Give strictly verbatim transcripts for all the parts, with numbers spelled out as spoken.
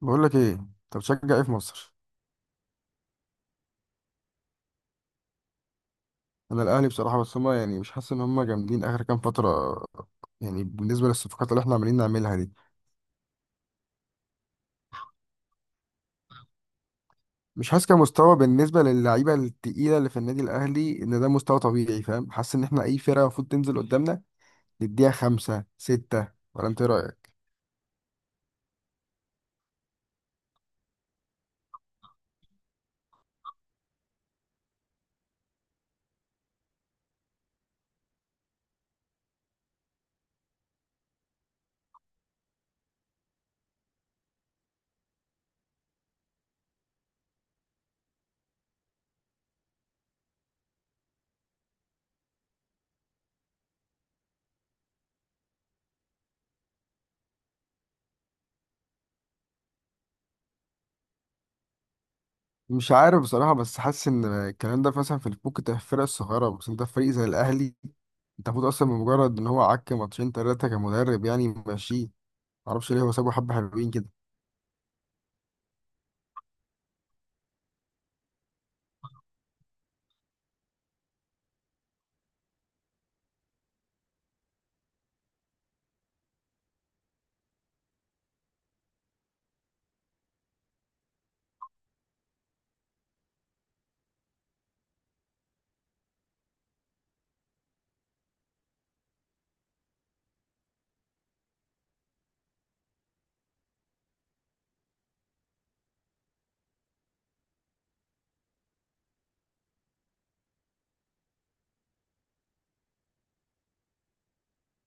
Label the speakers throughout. Speaker 1: بقول لك ايه، انت بتشجع ايه في مصر؟ انا الاهلي بصراحه، بس هما يعني مش حاسس ان هما جامدين اخر كام فتره، يعني بالنسبه للصفقات اللي احنا عمالين نعملها دي. مش حاسس كمستوى بالنسبه للعيبه التقيله اللي في النادي الاهلي ان ده مستوى طبيعي، فاهم؟ حاسس ان احنا اي فرقه المفروض تنزل قدامنا نديها خمسة ستة، ولا انت إيه رايك؟ مش عارف بصراحه، بس حاسس ان الكلام ده مثلا في الفوق في الفرق الصغيره، بس انت في فريق زي الاهلي، انت المفروض اصلا بمجرد ان هو عك ماتشين ثلاثه كمدرب يعني ماشي. معرفش ليه هو سابه، حبه حلوين كده.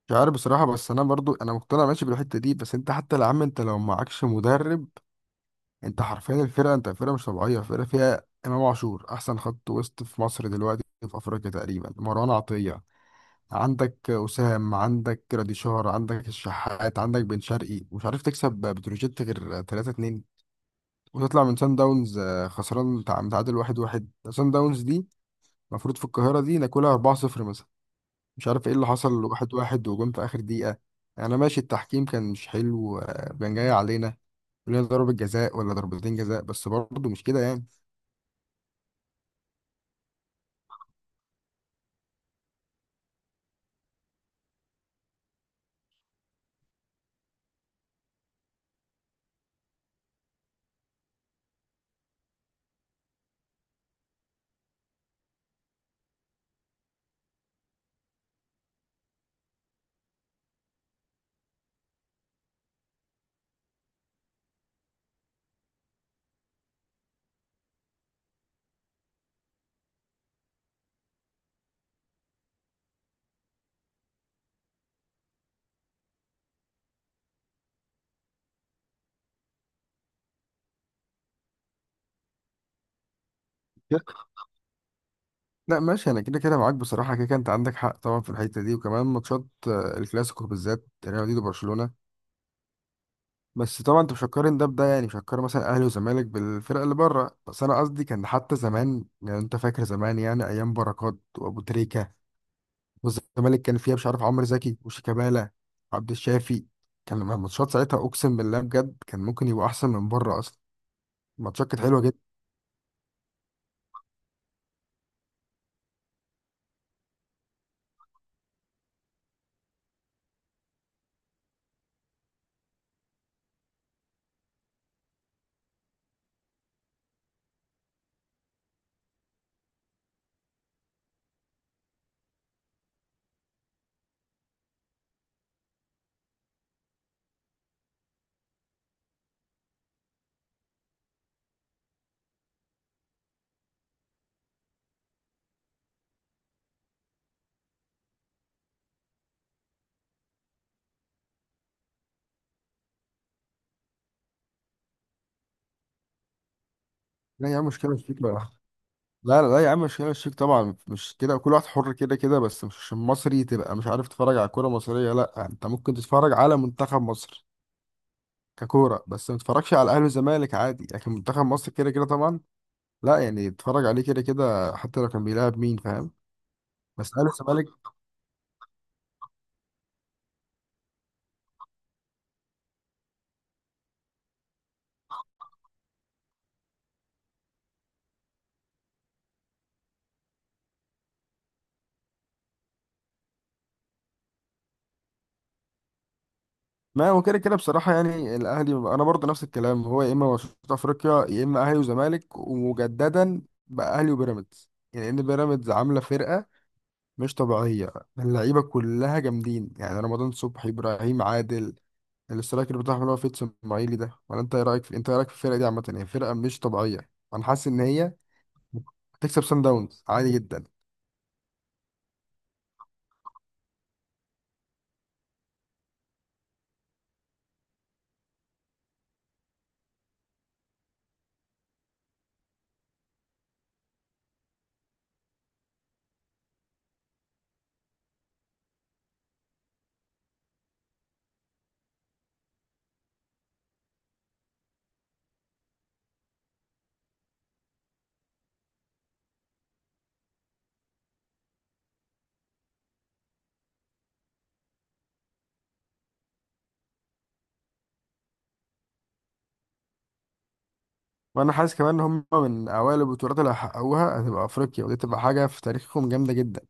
Speaker 1: مش عارف بصراحة، بس أنا برضو أنا مقتنع ماشي بالحتة دي، بس أنت حتى يا عم، أنت لو معكش مدرب، أنت حرفيا الفرقة، أنت فرقة مش طبيعية، فرقة فيها إمام عاشور أحسن خط وسط في مصر دلوقتي، في أفريقيا تقريبا، مروان عطية، عندك أسام، عندك ريديشار، عندك الشحات، عندك بن شرقي، ومش عارف تكسب بتروجيت غير ثلاثة اتنين، وتطلع من سان داونز آه، خسران، متع- متعادل واحد واحد، سان داونز دي المفروض في القاهرة دي ناكلها اربعة صفر مثلا. مش عارف ايه اللي حصل، واحد واحد وجون في اخر دقيقة. يعني انا ماشي، التحكيم كان مش حلو، آه، كان جاي علينا، لنا ضربة جزاء ولا ضربتين جزاء، بس برضه مش كده يعني. لا ماشي، انا كده كده معاك بصراحة، كده كده انت عندك حق طبعا في الحتة دي، وكمان ماتشات، آه، الكلاسيكو بالذات، ريال مدريد وبرشلونة. بس طبعا انت مش هتقارن ده بده، يعني مش هتقارن مثلا اهلي وزمالك بالفرق اللي بره، بس انا قصدي كان حتى زمان يعني، انت فاكر زمان، يعني ايام بركات وابو تريكة، والزمالك كان فيها مش عارف عمرو زكي وشيكابالا وعبد الشافي، كان لما الماتشات ساعتها اقسم بالله بجد كان ممكن يبقى احسن من بره اصلا. الماتشات كانت حلوه جدا. لا يا عم، مش كده، مش فيك بقى. لا لا لا يا عم، مش كده، مش فيك طبعا، مش كده، كل واحد حر كده كده، بس مش عشان مصري تبقى مش عارف تتفرج على كوره مصريه. لا، انت ممكن تتفرج على منتخب مصر ككوره، بس ما تتفرجش على الاهلي والزمالك عادي، لكن منتخب مصر كده كده طبعا لا، يعني تتفرج عليه كده كده حتى لو كان بيلعب مين، فاهم؟ بس الاهلي والزمالك. ما هو كده كده بصراحة، يعني الأهلي أنا برضه نفس الكلام، هو يا إما ماتشات أفريقيا، يا إما أهلي وزمالك، ومجددا بقى أهلي وبيراميدز. يعني إن بيراميدز عاملة فرقة مش طبيعية، اللعيبة كلها جامدين، يعني رمضان صبحي، إبراهيم عادل، الاسترايكر بتاعهم اللي هو فيتس إسماعيلي ده. ولا أنت إيه رأيك في، أنت إيه رأيك في الفرقة دي عامة؟ يعني فرقة مش طبيعية، أنا حاسس إن هي هتكسب سان داونز عادي جدا. وأنا حاسس كمان إن هم من أوائل البطولات اللي هيحققوها هتبقى أفريقيا، ودي تبقى حاجة في تاريخهم جامدة جدا.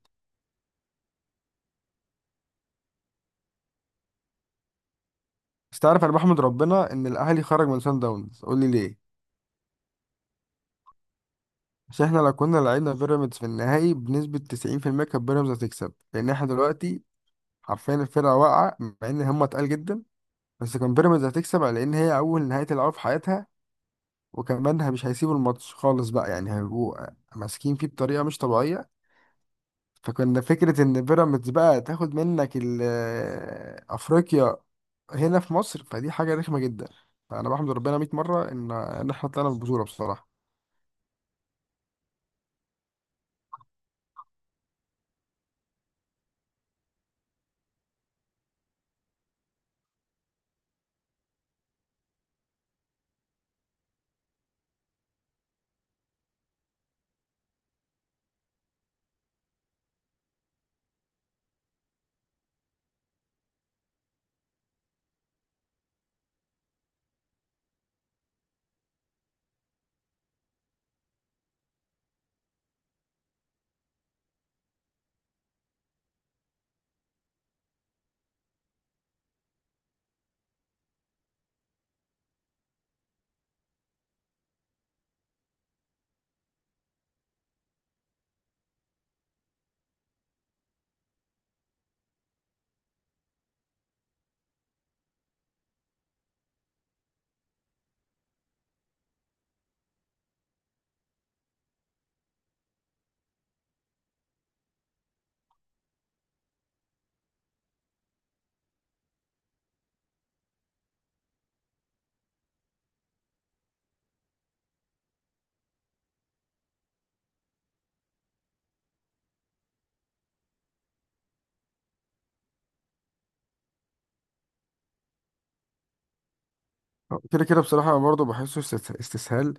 Speaker 1: بس تعرف انا بحمد ربنا ان الاهلي خرج من سان داونز، قول لي ليه. عشان احنا لو كنا لعبنا بيراميدز في النهائي، بنسبة تسعين في المية كانت بيراميدز هتكسب، لان احنا دلوقتي حرفيا الفرقة واقعة مع ان هم تقال جدا، بس كان بيراميدز هتكسب على ان هي اول نهائي تلعبها في حياتها، وكمان ه- مش هيسيبوا الماتش خالص بقى، يعني هيبقوا ماسكين فيه بطريقة مش طبيعية. فكنا فكرة ان بيراميدز بقى تاخد منك ال- افريقيا هنا في مصر، فدي حاجة رخمة جدا. فانا بحمد ربنا مئة مرة ان إن احنا طلعنا بالبطولة بصراحة. كده كده بصراحة أنا برضه بحسه استس- استسهال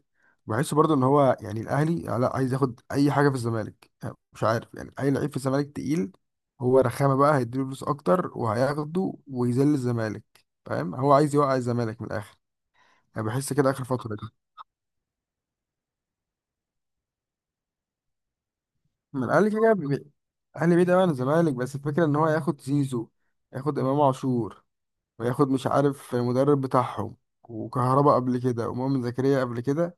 Speaker 1: بحسه برضه إن هو يعني الأهلي لا، عايز ياخد أي حاجة في الزمالك، يعني مش عارف، يعني أي لعيب في الزمالك تقيل، هو رخامة بقى هيديله فلوس أكتر وهياخده ويذل الزمالك، فاهم؟ هو عايز يوقع الزمالك من الآخر. أنا بحس كده آخر فترة دي من الأهلي كده كده، بي- الأهلي بعيد أوي عن الزمالك، بس الفكرة إن هو ياخد زيزو، ياخد إمام عاشور، وياخد مش عارف المدرب بتاعهم، وكهربا قبل كده، ومؤمن زكريا قبل كده.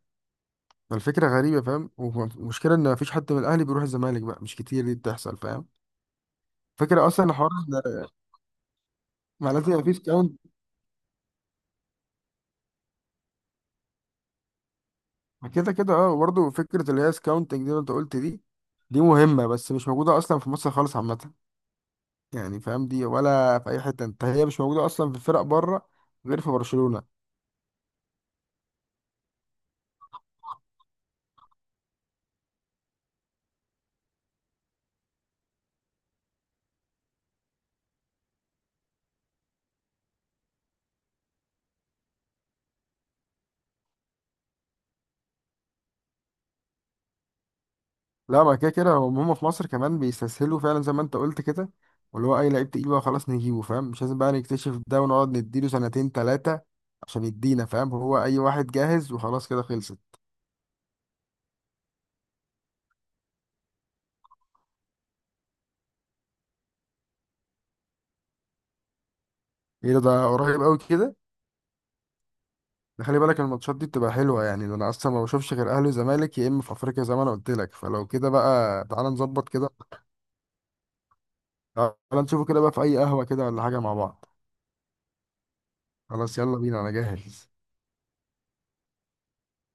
Speaker 1: الفكرة غريبة، فاهم؟ والمشكلة إن مفيش حد من الأهلي بيروح الزمالك بقى، مش كتير دي بتحصل، فاهم؟ فكرة أصلا حوار إن- ما لازم يبقى فيه سكاونت. كده كده أه، وبرضه فكرة اللي هي سكاونتنج دي اللي أنت قلت دي، دي مهمة بس مش موجودة أصلا في مصر خالص عامة، يعني فاهم؟ دي ولا في أي حتة أنت، هي مش موجودة أصلا في فرق بره غير في برشلونة. لا، ما كده كده هم هم في مصر كمان بيستسهلوا فعلا زي ما انت قلت كده، واللي هو اي لعيب تقيل بقى خلاص نجيبه، فاهم؟ مش لازم بقى نكتشف ده ونقعد نديله سنتين تلاتة عشان يدينا، فاهم؟ هو اي واحد جاهز وخلاص كده خلصت. ايه ده ده قريب قوي كده؟ ده خلي بالك الماتشات دي بتبقى حلوة يعني، ده انا اصلا ما بشوفش غير اهلي وزمالك يا اما في افريقيا زي ما انا قلت لك، فلو كده بقى تعالى نظبط كده. تعالى نشوفه كده بقى في اي قهوة كده ولا حاجة مع بعض. خلاص يلا بينا انا جاهز.